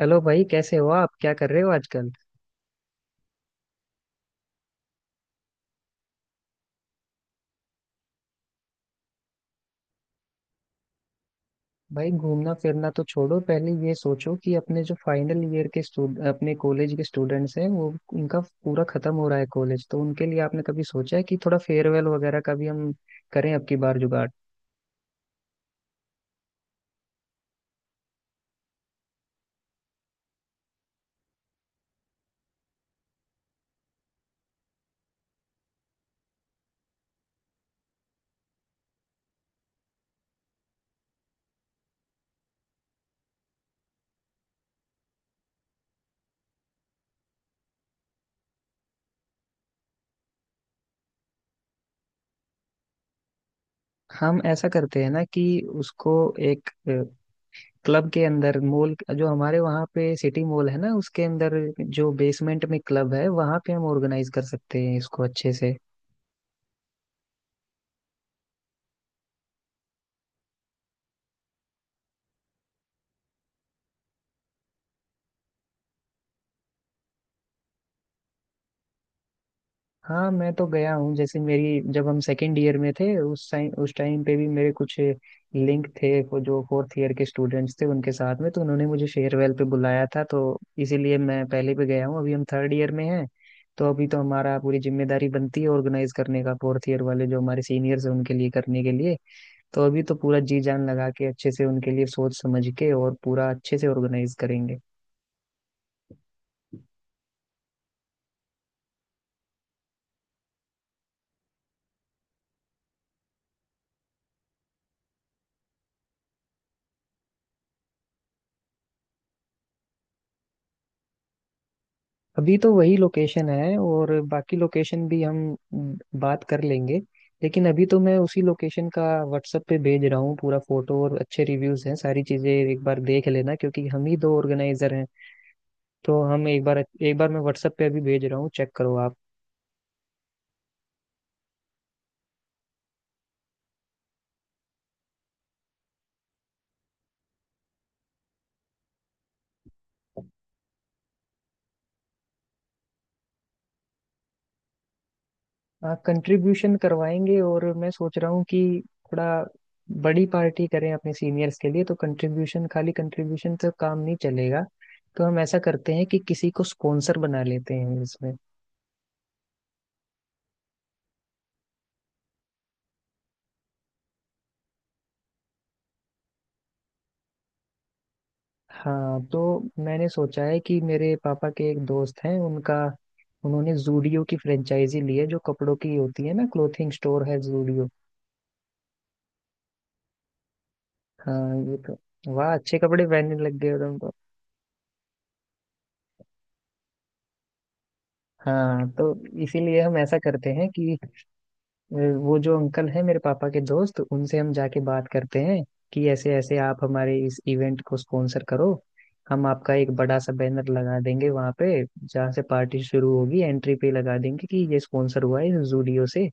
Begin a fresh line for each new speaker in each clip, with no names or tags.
Hello भाई, कैसे हो आप? क्या कर रहे हो आजकल? भाई, घूमना फिरना तो छोड़ो, पहले ये सोचो कि अपने जो फाइनल ईयर के स्टूड अपने कॉलेज के स्टूडेंट्स हैं, वो उनका पूरा खत्म हो रहा है कॉलेज तो उनके लिए आपने कभी सोचा है कि थोड़ा फेयरवेल वगैरह का भी हम करें अब की बार जुगाड़। हम ऐसा करते हैं ना कि उसको एक क्लब के अंदर, मॉल जो हमारे वहाँ पे सिटी मॉल है ना, उसके अंदर जो बेसमेंट में क्लब है वहाँ पे हम ऑर्गेनाइज कर सकते हैं इसको अच्छे से। हाँ, मैं तो गया हूँ। जैसे मेरी, जब हम सेकेंड ईयर में थे उस टाइम पे भी मेरे कुछ लिंक थे वो जो फोर्थ ईयर के स्टूडेंट्स थे उनके साथ में, तो उन्होंने मुझे फेयरवेल पे बुलाया था, तो इसीलिए मैं पहले भी गया हूँ। अभी हम थर्ड ईयर में हैं तो अभी तो हमारा पूरी जिम्मेदारी बनती है ऑर्गेनाइज करने का, फोर्थ ईयर वाले जो हमारे सीनियर्स हैं उनके लिए करने के लिए। तो अभी तो पूरा जी जान लगा के अच्छे से उनके लिए सोच समझ के और पूरा अच्छे से ऑर्गेनाइज करेंगे। अभी तो वही लोकेशन है, और बाकी लोकेशन भी हम बात कर लेंगे, लेकिन अभी तो मैं उसी लोकेशन का व्हाट्सएप पे भेज रहा हूँ पूरा, फोटो और अच्छे रिव्यूज हैं, सारी चीजें एक बार देख लेना क्योंकि हम ही दो ऑर्गेनाइजर हैं। तो हम एक बार, एक बार मैं व्हाट्सएप पे अभी भेज रहा हूँ, चेक करो आप। आप कंट्रीब्यूशन करवाएंगे और मैं सोच रहा हूँ कि थोड़ा बड़ी पार्टी करें अपने सीनियर्स के लिए, तो कंट्रीब्यूशन, खाली कंट्रीब्यूशन से काम नहीं चलेगा। तो हम ऐसा करते हैं कि किसी को स्पॉन्सर बना लेते हैं इसमें। हाँ, तो मैंने सोचा है कि मेरे पापा के एक दोस्त हैं, उनका, उन्होंने जूडियो की फ्रेंचाइजी ली है, जो कपड़ों की होती है ना, क्लोथिंग स्टोर है जूडियो। हाँ, ये तो। वाह, अच्छे कपड़े पहनने लग गए हो तुम तो। हाँ, तो इसीलिए हम ऐसा करते हैं कि अ, वो जो अंकल है मेरे पापा के दोस्त, उनसे हम जाके बात करते हैं कि ऐसे ऐसे आप हमारे इस इवेंट को स्पॉन्सर करो, हम आपका एक बड़ा सा बैनर लगा देंगे वहां पे, जहाँ से पार्टी शुरू होगी एंट्री पे लगा देंगे कि ये स्पॉन्सर हुआ है जूडियो से।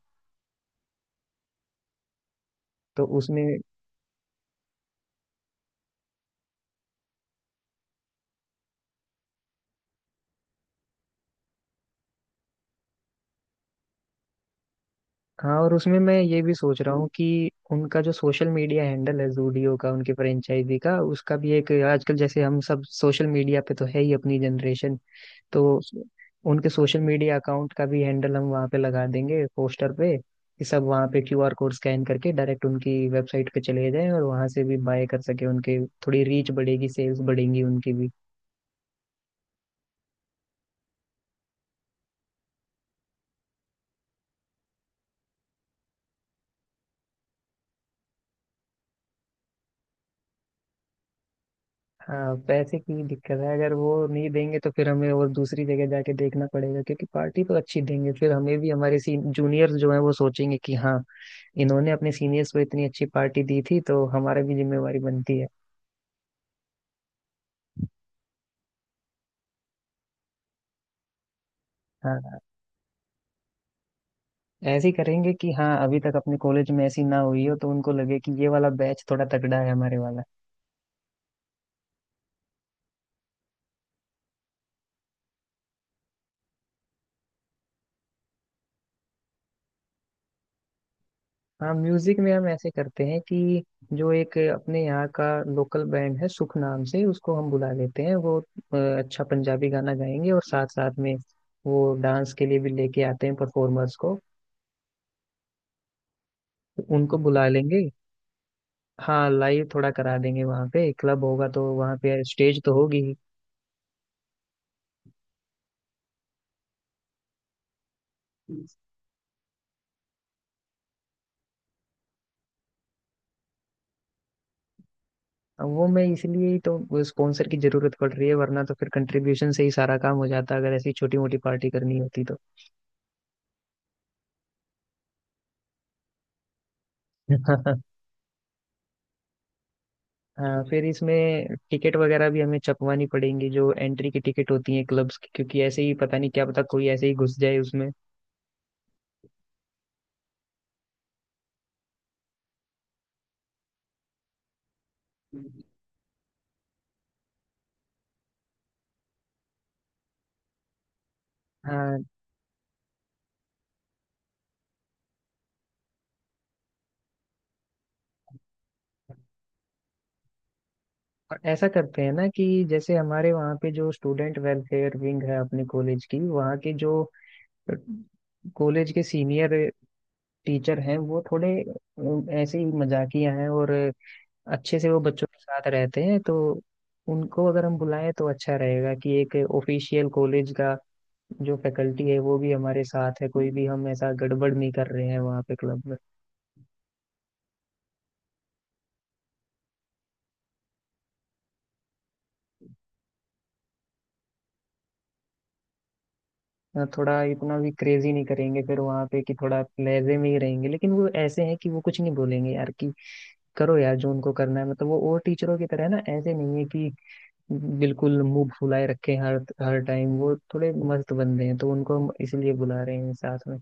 तो उसमें, हाँ, और उसमें मैं ये भी सोच रहा हूँ कि उनका जो सोशल मीडिया हैंडल है जूडियो का, उनके फ्रेंचाइजी का, उसका भी एक, आजकल जैसे हम सब सोशल मीडिया पे तो है ही अपनी जनरेशन, तो उनके सोशल मीडिया अकाउंट का भी हैंडल हम वहाँ पे लगा देंगे पोस्टर पे, कि सब वहाँ पे क्यूआर कोड स्कैन करके डायरेक्ट उनकी वेबसाइट पे चले जाएं और वहाँ से भी बाय कर सके उनके। थोड़ी रीच बढ़ेगी, सेल्स बढ़ेंगी उनकी भी। हाँ, पैसे की दिक्कत है, अगर वो नहीं देंगे तो फिर हमें और दूसरी जगह जाके देखना पड़ेगा, क्योंकि पार्टी तो अच्छी देंगे, फिर हमें भी हमारे जूनियर्स जो हैं वो सोचेंगे कि हाँ, इन्होंने अपने सीनियर्स को इतनी अच्छी पार्टी दी थी तो हमारा भी जिम्मेवारी बनती है। हाँ, ऐसे ही करेंगे कि हाँ, अभी तक अपने कॉलेज में ऐसी ना हुई हो, तो उनको लगे कि ये वाला बैच थोड़ा तगड़ा है हमारे वाला। हाँ, म्यूजिक में हम ऐसे करते हैं कि जो एक अपने यहाँ का लोकल बैंड है, सुख नाम से, उसको हम बुला लेते हैं। वो अच्छा पंजाबी गाना गाएंगे, और साथ साथ में वो डांस के लिए भी लेके आते हैं परफॉर्मर्स को, तो उनको बुला लेंगे। हाँ, लाइव थोड़ा करा देंगे वहाँ पे, क्लब होगा तो वहाँ पे स्टेज तो होगी ही। अब वो, मैं इसलिए ही तो स्पॉन्सर की जरूरत पड़ रही है, वरना तो फिर कंट्रीब्यूशन से ही सारा काम हो जाता अगर ऐसी छोटी मोटी पार्टी करनी होती तो। हाँ, फिर इसमें टिकट वगैरह भी हमें छपवानी पड़ेंगी, जो एंट्री की टिकट होती है क्लब्स की, क्योंकि ऐसे ही पता नहीं, क्या पता कोई ऐसे ही घुस जाए उसमें। हाँ, और ऐसा करते हैं ना कि जैसे हमारे वहाँ पे जो स्टूडेंट वेलफेयर विंग है अपने कॉलेज की, वहाँ के जो कॉलेज के सीनियर टीचर हैं, वो थोड़े ऐसे ही मजाकिया हैं और अच्छे से वो बच्चों के साथ रहते हैं, तो उनको अगर हम बुलाएं तो अच्छा रहेगा कि एक ऑफिशियल कॉलेज का जो फैकल्टी है वो भी हमारे साथ है, कोई भी हम ऐसा गड़बड़ नहीं कर रहे हैं वहाँ पे क्लब में। हाँ, थोड़ा इतना भी क्रेजी नहीं करेंगे फिर वहाँ पे कि, थोड़ा लहजे में ही रहेंगे, लेकिन वो ऐसे हैं कि वो कुछ नहीं बोलेंगे, यार कि करो यार, जो उनको करना है। मतलब वो और टीचरों की तरह है ना, ऐसे नहीं है कि बिल्कुल मुंह फुलाए रखे हैं हर हर टाइम, वो थोड़े मस्त बंदे हैं, तो उनको हम इसलिए बुला रहे हैं साथ में।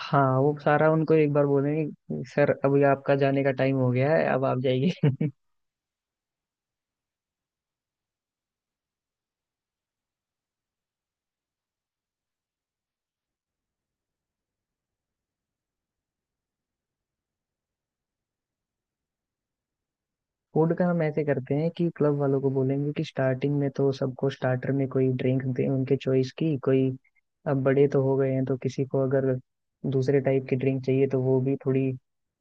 हाँ, वो सारा उनको एक बार बोलेंगे, सर अभी आपका जाने का टाइम हो गया है, अब आप जाइए। फूड का हम ऐसे करते हैं कि क्लब वालों को बोलेंगे कि स्टार्टिंग में तो सबको स्टार्टर में कोई ड्रिंक दें उनके चॉइस की, कोई, अब बड़े तो हो गए हैं तो किसी को अगर दूसरे टाइप की ड्रिंक चाहिए तो वो भी थोड़ी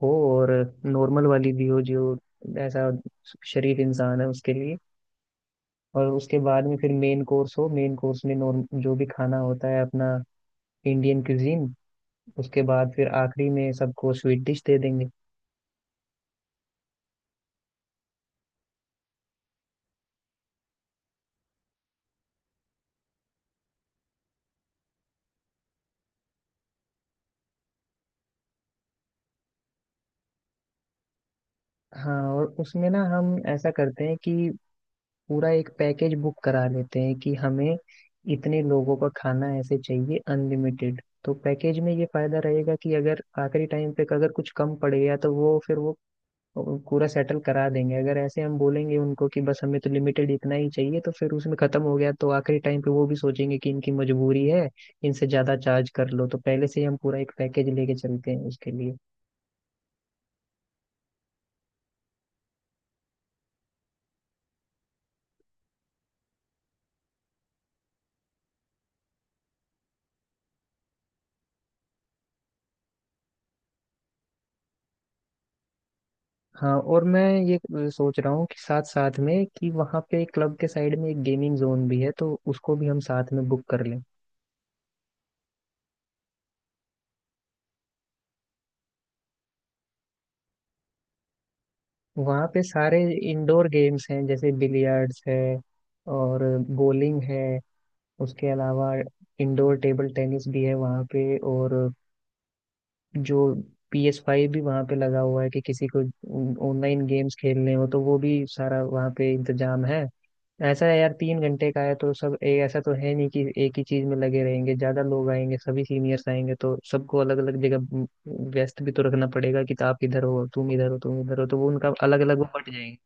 हो, और नॉर्मल वाली भी हो जो ऐसा शरीफ इंसान है उसके लिए। और उसके बाद में फिर मेन कोर्स हो, मेन कोर्स में नॉर्म जो भी खाना होता है अपना, इंडियन क्यूजीन, उसके बाद फिर आखिरी में सबको स्वीट डिश दे देंगे। हाँ, और उसमें ना हम ऐसा करते हैं कि पूरा एक पैकेज बुक करा लेते हैं, कि हमें इतने लोगों का खाना ऐसे चाहिए अनलिमिटेड, तो पैकेज में ये फायदा रहेगा कि अगर आखिरी टाइम पे अगर कुछ कम पड़ गया तो वो फिर वो पूरा सेटल करा देंगे। अगर ऐसे हम बोलेंगे उनको कि बस हमें तो लिमिटेड इतना ही चाहिए, तो फिर उसमें खत्म हो गया तो आखिरी टाइम पे वो भी सोचेंगे कि इनकी मजबूरी है, इनसे ज्यादा चार्ज कर लो। तो पहले से ही हम पूरा एक पैकेज लेके चलते हैं उसके लिए। हाँ, और मैं ये सोच रहा हूँ कि साथ साथ में, कि वहाँ पे क्लब के साइड में एक गेमिंग जोन भी है तो उसको भी हम साथ में बुक कर लें। वहाँ पे सारे इंडोर गेम्स हैं, जैसे बिलियर्ड्स है और बोलिंग है, उसके अलावा इंडोर टेबल टेनिस भी है वहाँ पे, और जो PS5 भी वहाँ पे लगा हुआ है, कि किसी को ऑनलाइन गेम्स खेलने हो तो वो भी सारा वहाँ पे इंतजाम है। ऐसा है यार, 3 घंटे का है, तो सब ऐसा तो है नहीं कि एक ही चीज में लगे रहेंगे, ज्यादा लोग आएंगे, सभी सीनियर्स आएंगे, तो सबको अलग अलग जगह व्यस्त भी तो रखना पड़ेगा, कि आप इधर हो, तुम इधर हो, तुम इधर हो, तो वो उनका अलग अलग वो बट जाएंगे।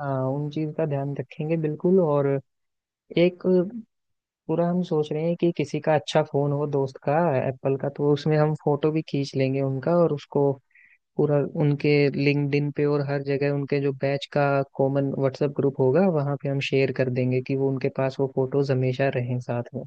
हाँ, उन चीज का ध्यान रखेंगे बिल्कुल। और एक पूरा हम सोच रहे हैं कि किसी का अच्छा फोन हो, दोस्त का, एप्पल का, तो उसमें हम फोटो भी खींच लेंगे उनका, और उसको पूरा उनके लिंक्डइन पे और हर जगह, उनके जो बैच का कॉमन व्हाट्सएप ग्रुप होगा वहां पे हम शेयर कर देंगे कि वो उनके पास वो फोटोज हमेशा रहें साथ में।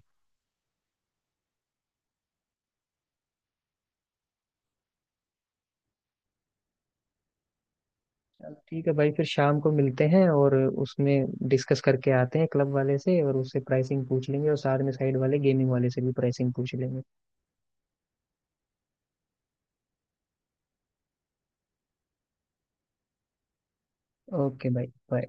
चल ठीक है भाई, फिर शाम को मिलते हैं और उसमें डिस्कस करके आते हैं, क्लब वाले से और उससे प्राइसिंग पूछ लेंगे, और साथ में साइड वाले गेमिंग वाले से भी प्राइसिंग पूछ लेंगे। ओके भाई, बाय।